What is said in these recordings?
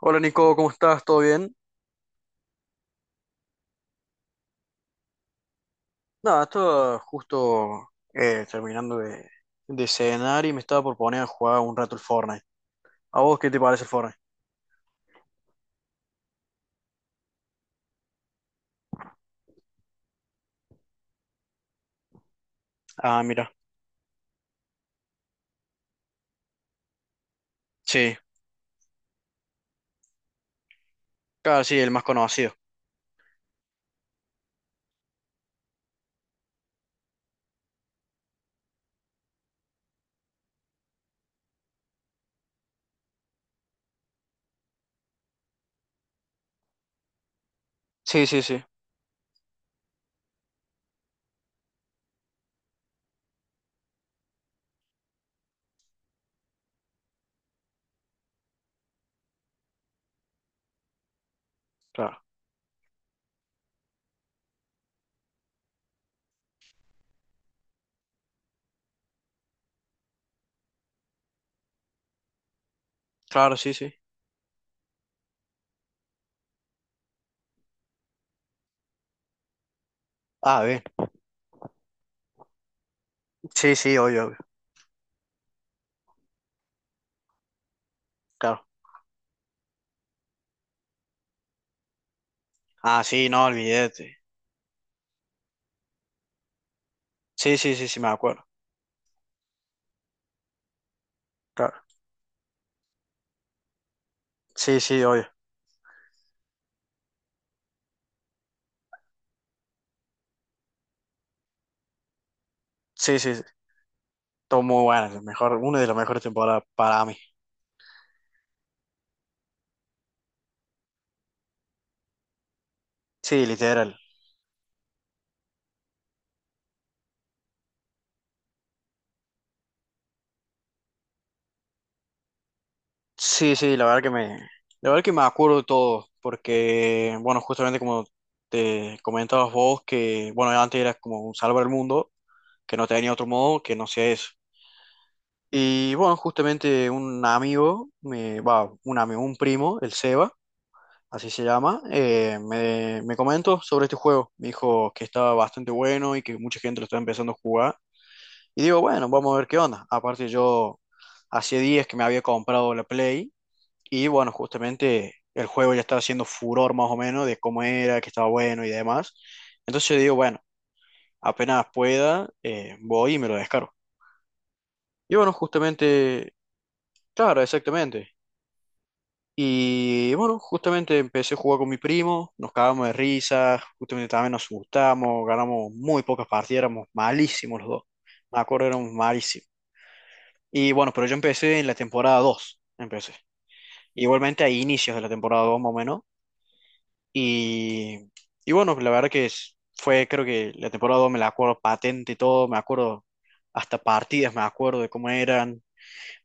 Hola Nico, ¿cómo estás? ¿Todo bien? Nada, estaba justo terminando de cenar y me estaba por poner a jugar un rato el Fortnite. ¿A vos qué te parece el Fortnite? Ah, mira. Sí, claro, sí, el más conocido. Sí, sí, sí, claro. Claro, sí, sí. Ah, bien. Sí, sí, obvio, obvio. Claro. Ah, sí, no, olvídate. Sí, sí, sí, sí, me acuerdo. Claro. Sí, sí, obvio. Sí, sí, sí. Todo muy bueno, el mejor, una de las mejores temporadas para mí. Sí, literal. Sí, sí, la verdad que me acuerdo de todo, porque, bueno, justamente como te comentabas vos, que, bueno, antes era como un salvar el mundo, que no tenía otro modo que no sea eso. Y, bueno, justamente un amigo, me, va, un amigo, un primo, el Seba, así se llama, me comentó sobre este juego. Me dijo que estaba bastante bueno y que mucha gente lo estaba empezando a jugar. Y digo, bueno, vamos a ver qué onda. Aparte yo, hacía días que me había comprado la Play y bueno, justamente el juego ya estaba haciendo furor más o menos de cómo era, que estaba bueno y demás. Entonces yo digo, bueno, apenas pueda, voy y me lo descargo. Y bueno, justamente, claro, exactamente. Y bueno, justamente empecé a jugar con mi primo, nos cagamos de risa, justamente también nos asustamos, ganamos muy pocas partidas, éramos malísimos los dos. Me acuerdo, éramos malísimos. Y bueno, pero yo empecé en la temporada 2 empecé. Igualmente a inicios de la temporada 2 más o menos. Y, y bueno, la verdad que fue, creo que la temporada 2 me la acuerdo patente y todo, me acuerdo hasta partidas, me acuerdo de cómo eran.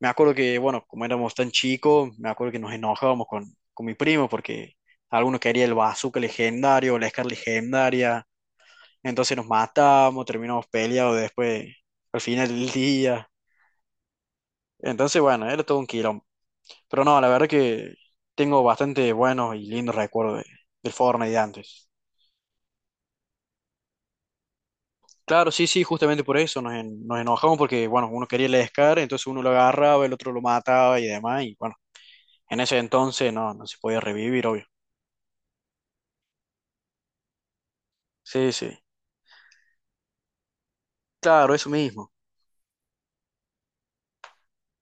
Me acuerdo que, bueno, como éramos tan chicos, me acuerdo que nos enojábamos con mi primo porque algunos quería el bazooka legendario, la Scar legendaria. Entonces nos matábamos, terminamos peleados después, al final del día. Entonces, bueno, era todo un quilombo. Pero no, la verdad que tengo bastante buenos y lindos recuerdos del Fortnite de antes. Claro, sí, sí, justamente por eso nos enojamos porque, bueno, uno quería el Scar, entonces uno lo agarraba, el otro lo mataba y demás, y bueno, en ese entonces no se podía revivir, obvio. Sí, sí, claro, eso mismo.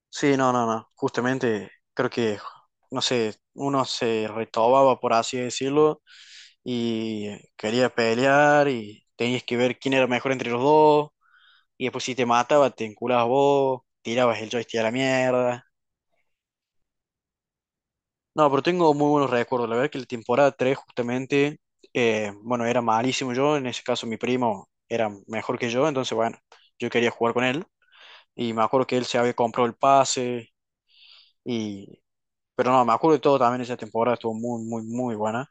Sí, no, no, no, justamente creo que, no sé, uno se retobaba, por así decirlo, y quería pelear y tenías que ver quién era mejor entre los dos, y después si te mataba, te enculabas vos, tirabas el joystick a la mierda. No, pero tengo muy buenos recuerdos. La verdad que la temporada 3 justamente, bueno, era malísimo yo, en ese caso mi primo era mejor que yo, entonces bueno, yo quería jugar con él y me acuerdo que él se había comprado el pase y... Pero no, me acuerdo de todo también, esa temporada estuvo muy, muy, muy buena.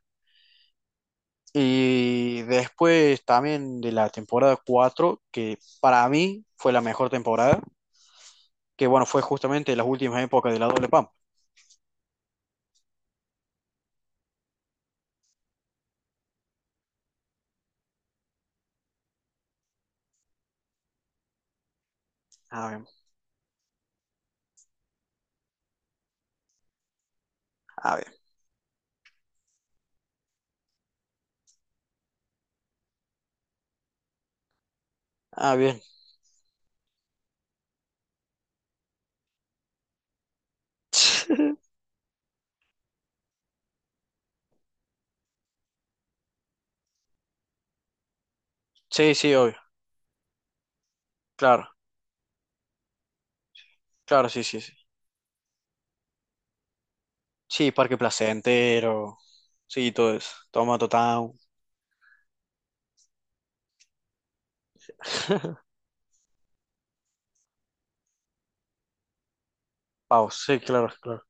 Y después también de la temporada 4 que para mí fue la mejor temporada, que bueno, fue justamente las últimas épocas de la doble pam. Ah, bien, ah, bien, ah, bien. Sí, sí, obvio, claro, claro, sí, sí, sí. Sí, Parque Placentero. Sí, todo eso. Tomato Town. Sí, claro, claro.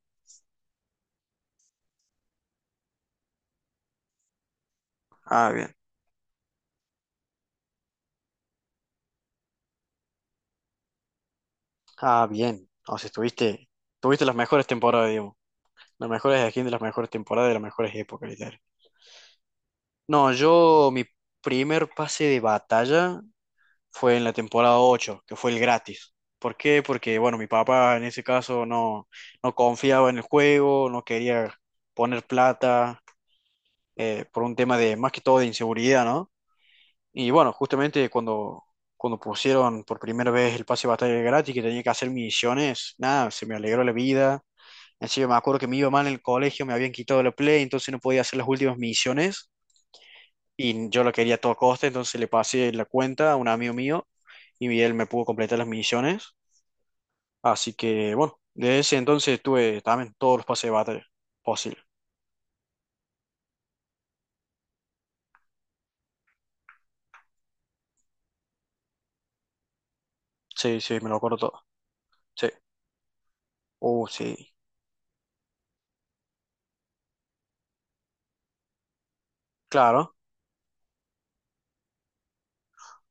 Ah, bien. Ah, bien. O sea, tuviste las mejores temporadas, digamos. Las mejores skins de las mejores temporadas de las mejores épocas, literal. No, mi primer pase de batalla fue en la temporada 8 que fue el gratis. ¿Por qué? Porque, bueno, mi papá en ese caso no confiaba en el juego, no quería poner plata, por un tema de, más que todo, de inseguridad, ¿no? Y bueno, justamente cuando pusieron por primera vez el pase de batalla gratis, que tenía que hacer misiones, nada, se me alegró la vida. Encima me acuerdo que me iba mal en el colegio, me habían quitado la Play, entonces no podía hacer las últimas misiones. Y yo lo quería a todo coste, entonces le pasé la cuenta a un amigo mío y él me pudo completar las misiones. Así que bueno, desde ese entonces tuve también todos los pases de batalla posible. Sí, sí, me lo acuerdo todo. Sí. Oh, sí. Claro.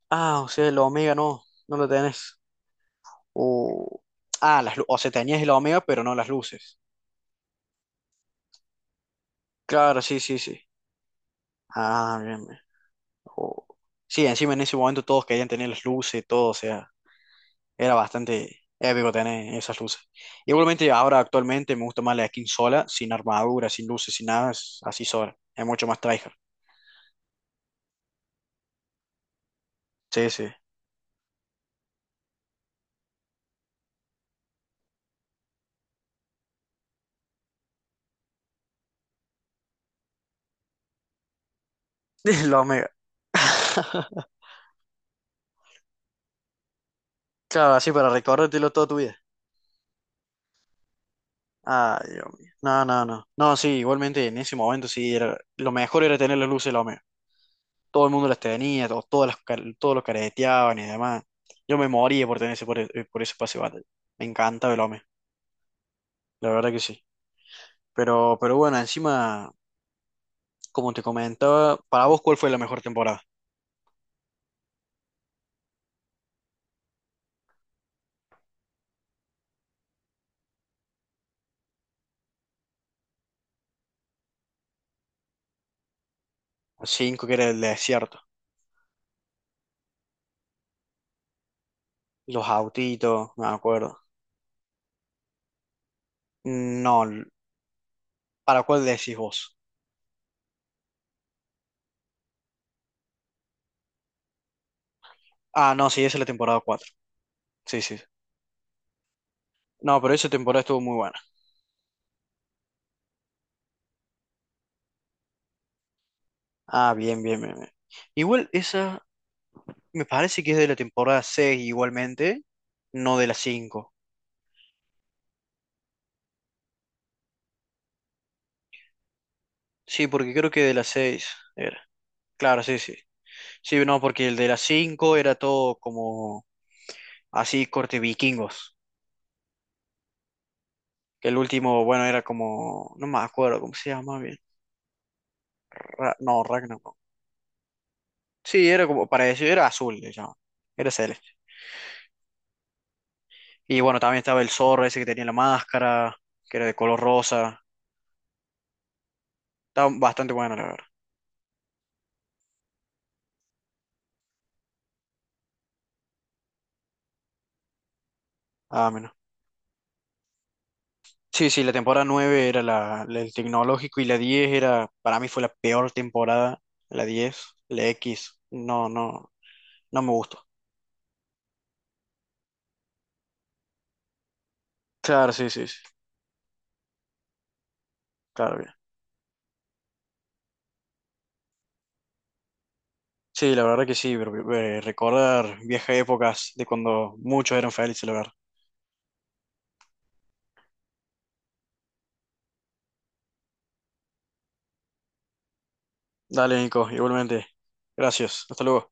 Ah, o sea, el Omega no lo tenés. O... Ah, o se teñía es la Omega, pero no las luces. Claro, sí, sí, sí. Ah, bien, bien. O- Sí, encima en ese momento todos querían tener las luces, y todo, o sea, era bastante épico tener esas luces. Igualmente ahora actualmente me gusta más la skin sola, sin armadura, sin luces, sin nada, es así sola. Es mucho más tryhard. Sí, sí. La Omega. Claro, así para recordártelo toda tu vida. Ah, Dios mío. No, no, no. No, sí, igualmente en ese momento sí, lo mejor era tener las luces de la Omega. Todo el mundo las tenía, todos los careteaban y demás. Yo me moría por tener ese, por ese pase de batalla. Me encanta el OME, la verdad que sí. Pero bueno, encima, como te comentaba, para vos, ¿cuál fue la mejor temporada? La 5, que era el desierto. Los autitos, no me acuerdo. No, ¿para cuál decís vos? Ah, no, sí, esa es la temporada cuatro. Sí, sí. No, pero esa temporada estuvo muy buena. Ah, bien, bien, bien. Bien. Igual esa me parece que es de la temporada 6 igualmente, no de la cinco. Sí, porque creo que de la 6 era. Claro, sí, sí. Sí, no, porque el de la 5 era todo como así corte vikingos. Que el último, bueno, era como, no me acuerdo cómo se llama bien. No, Ragnarok. Sí, era como para decir, era azul, le llamaban. Era celeste. Y bueno, también estaba el zorro ese que tenía la máscara, que era de color rosa. Estaba bastante bueno, la verdad. Ah, sí, sí, la temporada 9 era la del tecnológico y la 10 para mí fue la peor temporada, la diez, la X, no, no, no me gustó. Claro, sí, sí, sí, claro, bien. Sí, la verdad que sí, pero, recordar viejas épocas de cuando muchos eran felices, la verdad. Dale, Nico, igualmente. Gracias, hasta luego.